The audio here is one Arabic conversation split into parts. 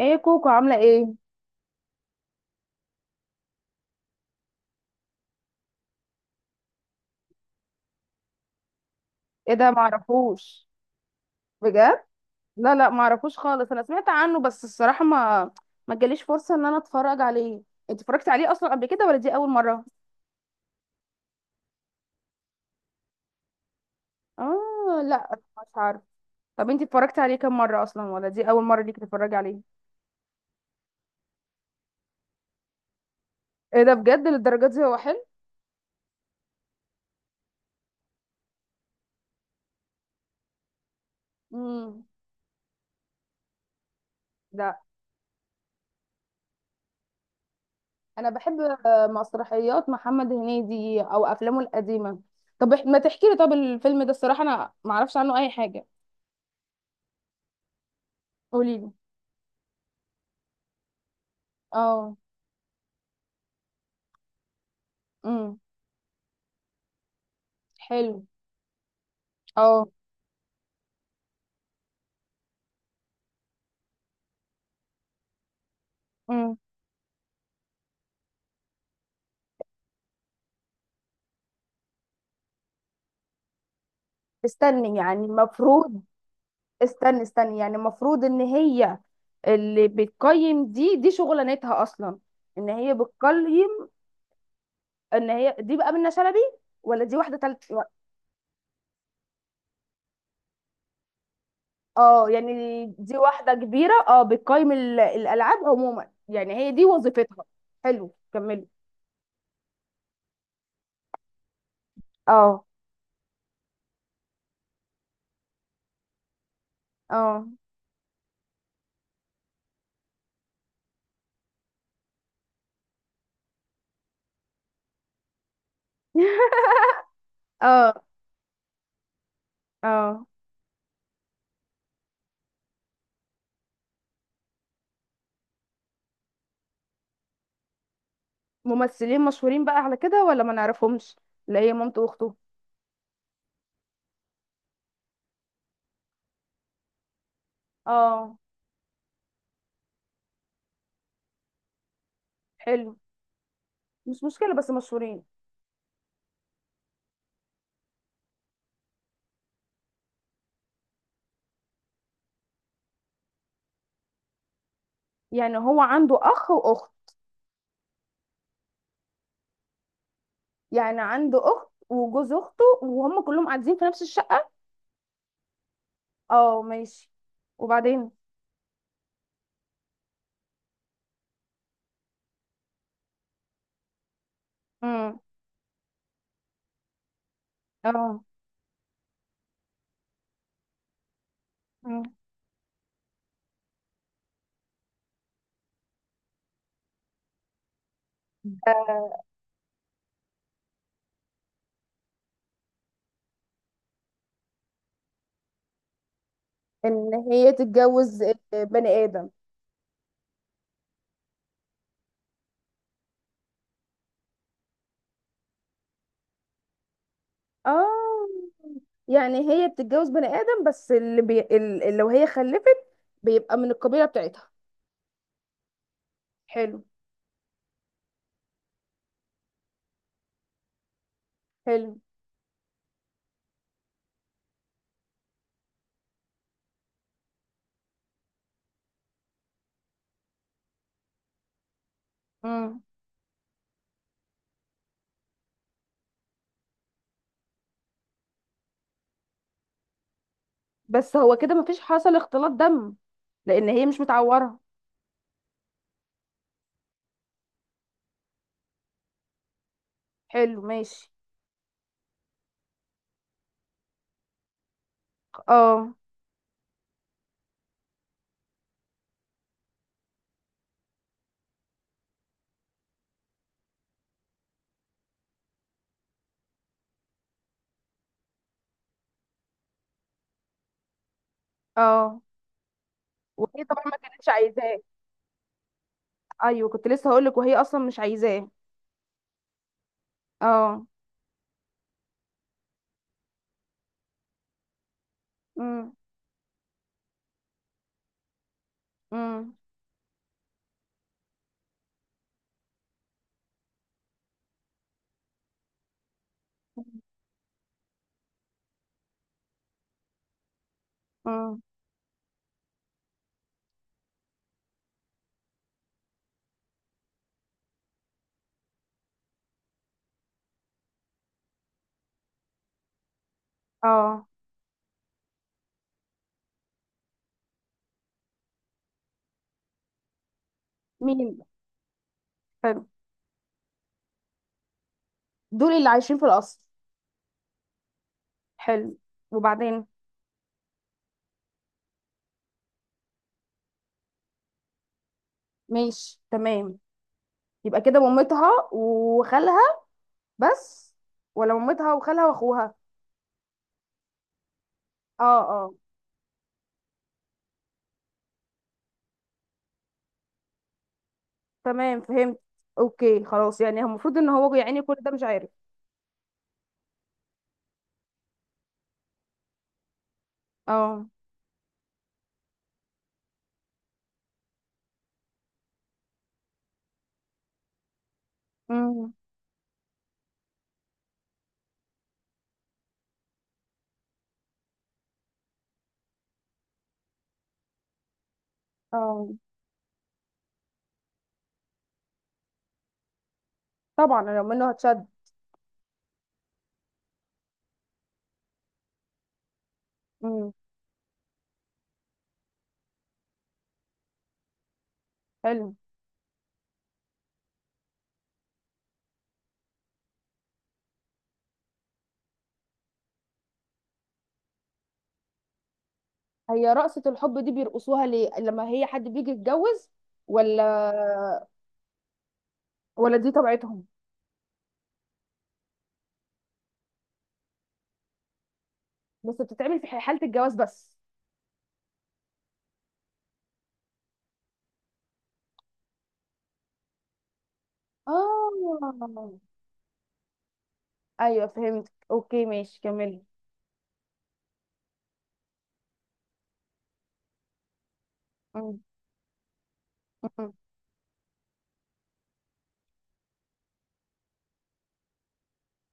ايه كوكو، عامله ايه؟ ايه ده؟ معرفوش؟ بجد؟ لا لا، معرفوش خالص. انا سمعت عنه بس الصراحه ما جاليش فرصه ان انا اتفرج عليه. انت اتفرجتي عليه اصلا قبل كده ولا دي اول مره؟ اه، لا مش عارف. طب انت اتفرجتي عليه كام مره اصلا، ولا دي اول مره ليك تتفرجي عليه؟ ايه ده؟ بجد للدرجه دي هو حلو؟ امم. لا، انا بحب. آه، مسرحيات محمد هنيدي او افلامه القديمه. طب ما تحكي لي؟ طب الفيلم ده الصراحه انا ما اعرفش عنه اي حاجه. قولي لي. اه. امم. حلو. اه. امم. استني، يعني المفروض. استني استني، يعني المفروض ان هي. اللي بتقيم دي شغلانتها اصلا. ان هي بتقيم. ان هي دي بقى منة شلبي؟ ولا دي واحده تالت؟ اه، يعني دي واحده كبيره، اه، بتقيم الالعاب عموما، يعني هي دي وظيفتها. حلو، كملي. اه. اه. اه. اه. ممثلين مشهورين بقى على كده ولا ما نعرفهمش؟ اللي هي مامته واخته. اه. حلو. مش مشكله، بس مشهورين. يعني هو عنده اخ واخت؟ يعني عنده اخت وجوز اخته، وهم كلهم قاعدين في نفس الشقة؟ اه ماشي. وبعدين؟ امم. اه. مم. آه، ان هي تتجوز بني ادم. اه، يعني هي بتتجوز بني ادم بس اللي لو هي خلفت بيبقى من القبيله بتاعتها. حلو. حلو. امم. بس هو كده مفيش حصل اختلاط دم. لان هي مش متعوره. حلو ماشي. اه. اه، وهي طبعا ما كانتش عايزاه. ايوه، كنت لسه هقولك وهي اصلا مش عايزاه. اه. امم. امم. امم. اه. مين؟ حلو. دول اللي عايشين في القصر؟ حلو. وبعدين؟ ماشي تمام. يبقى كده مامتها وخالها؟ بس؟ ولا مامتها وخالها واخوها؟ اه، اه. تمام فهمت. اوكي خلاص، يعني هو المفروض ان هو يعني كل ده مش عارف. اه. امم. اه. طبعا لو منه هتشد. امم. حلو. هي رقصة الحب دي بيرقصوها ليه لما هي حد بيجي يتجوز؟ ولا؟ ولا دي طبيعتهم؟ بس بتتعمل في حالة الجواز بس؟ اه. ايوه فهمت، اوكي ماشي، كملي. مم. مم.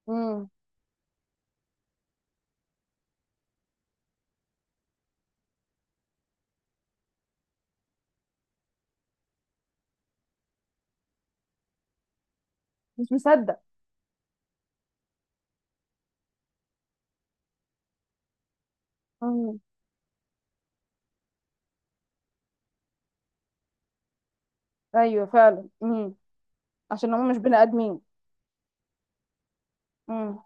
مم. مش مصدق. مم. ايوه فعلا. مم. عشان هم مش بني ادمين. مم.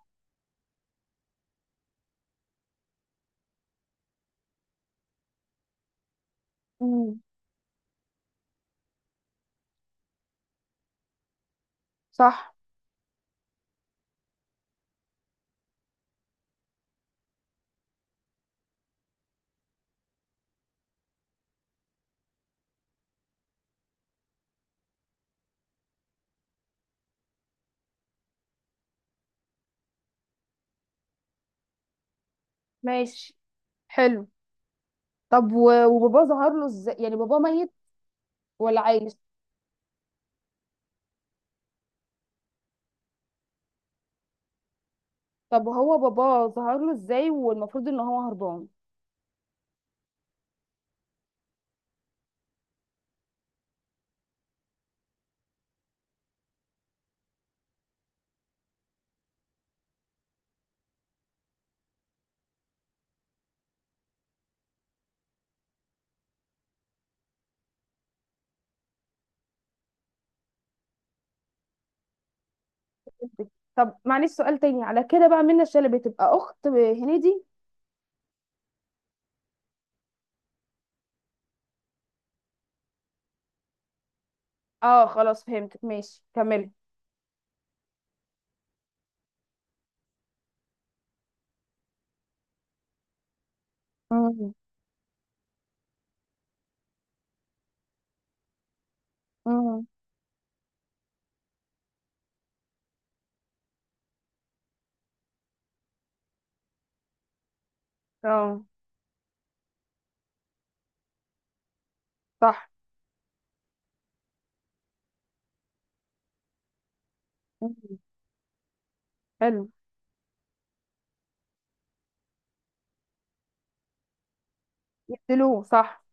مم. صح. ماشي. حلو. طب وباباه ظهر له ازاي، يعني باباه ميت ولا عايش؟ طب هو باباه ظهر له ازاي والمفروض ان هو هربان؟ طب معلش، سؤال تاني على كده بقى، منى الشلبي تبقى اخت هنيدي؟ اه خلاص فهمتك، ماشي كملي. مم. مم. اه، صح. مم. حلو. يقتلوه، صح.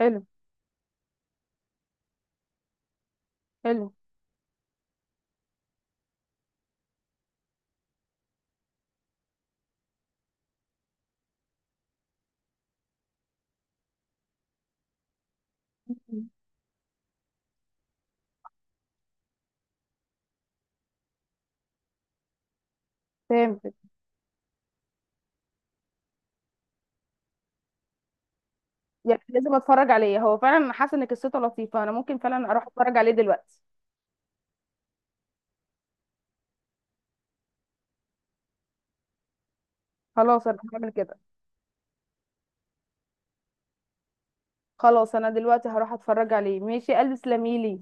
حلو. حلو. مم. فهمتك. يعني لازم اتفرج عليه، هو فعلا حاسه ان قصته لطيفه، انا ممكن فعلا اروح اتفرج عليه دلوقتي. خلاص، انا هعمل كده. خلاص، انا دلوقتي هروح اتفرج عليه. ماشي يا قلبي، تسلميلي.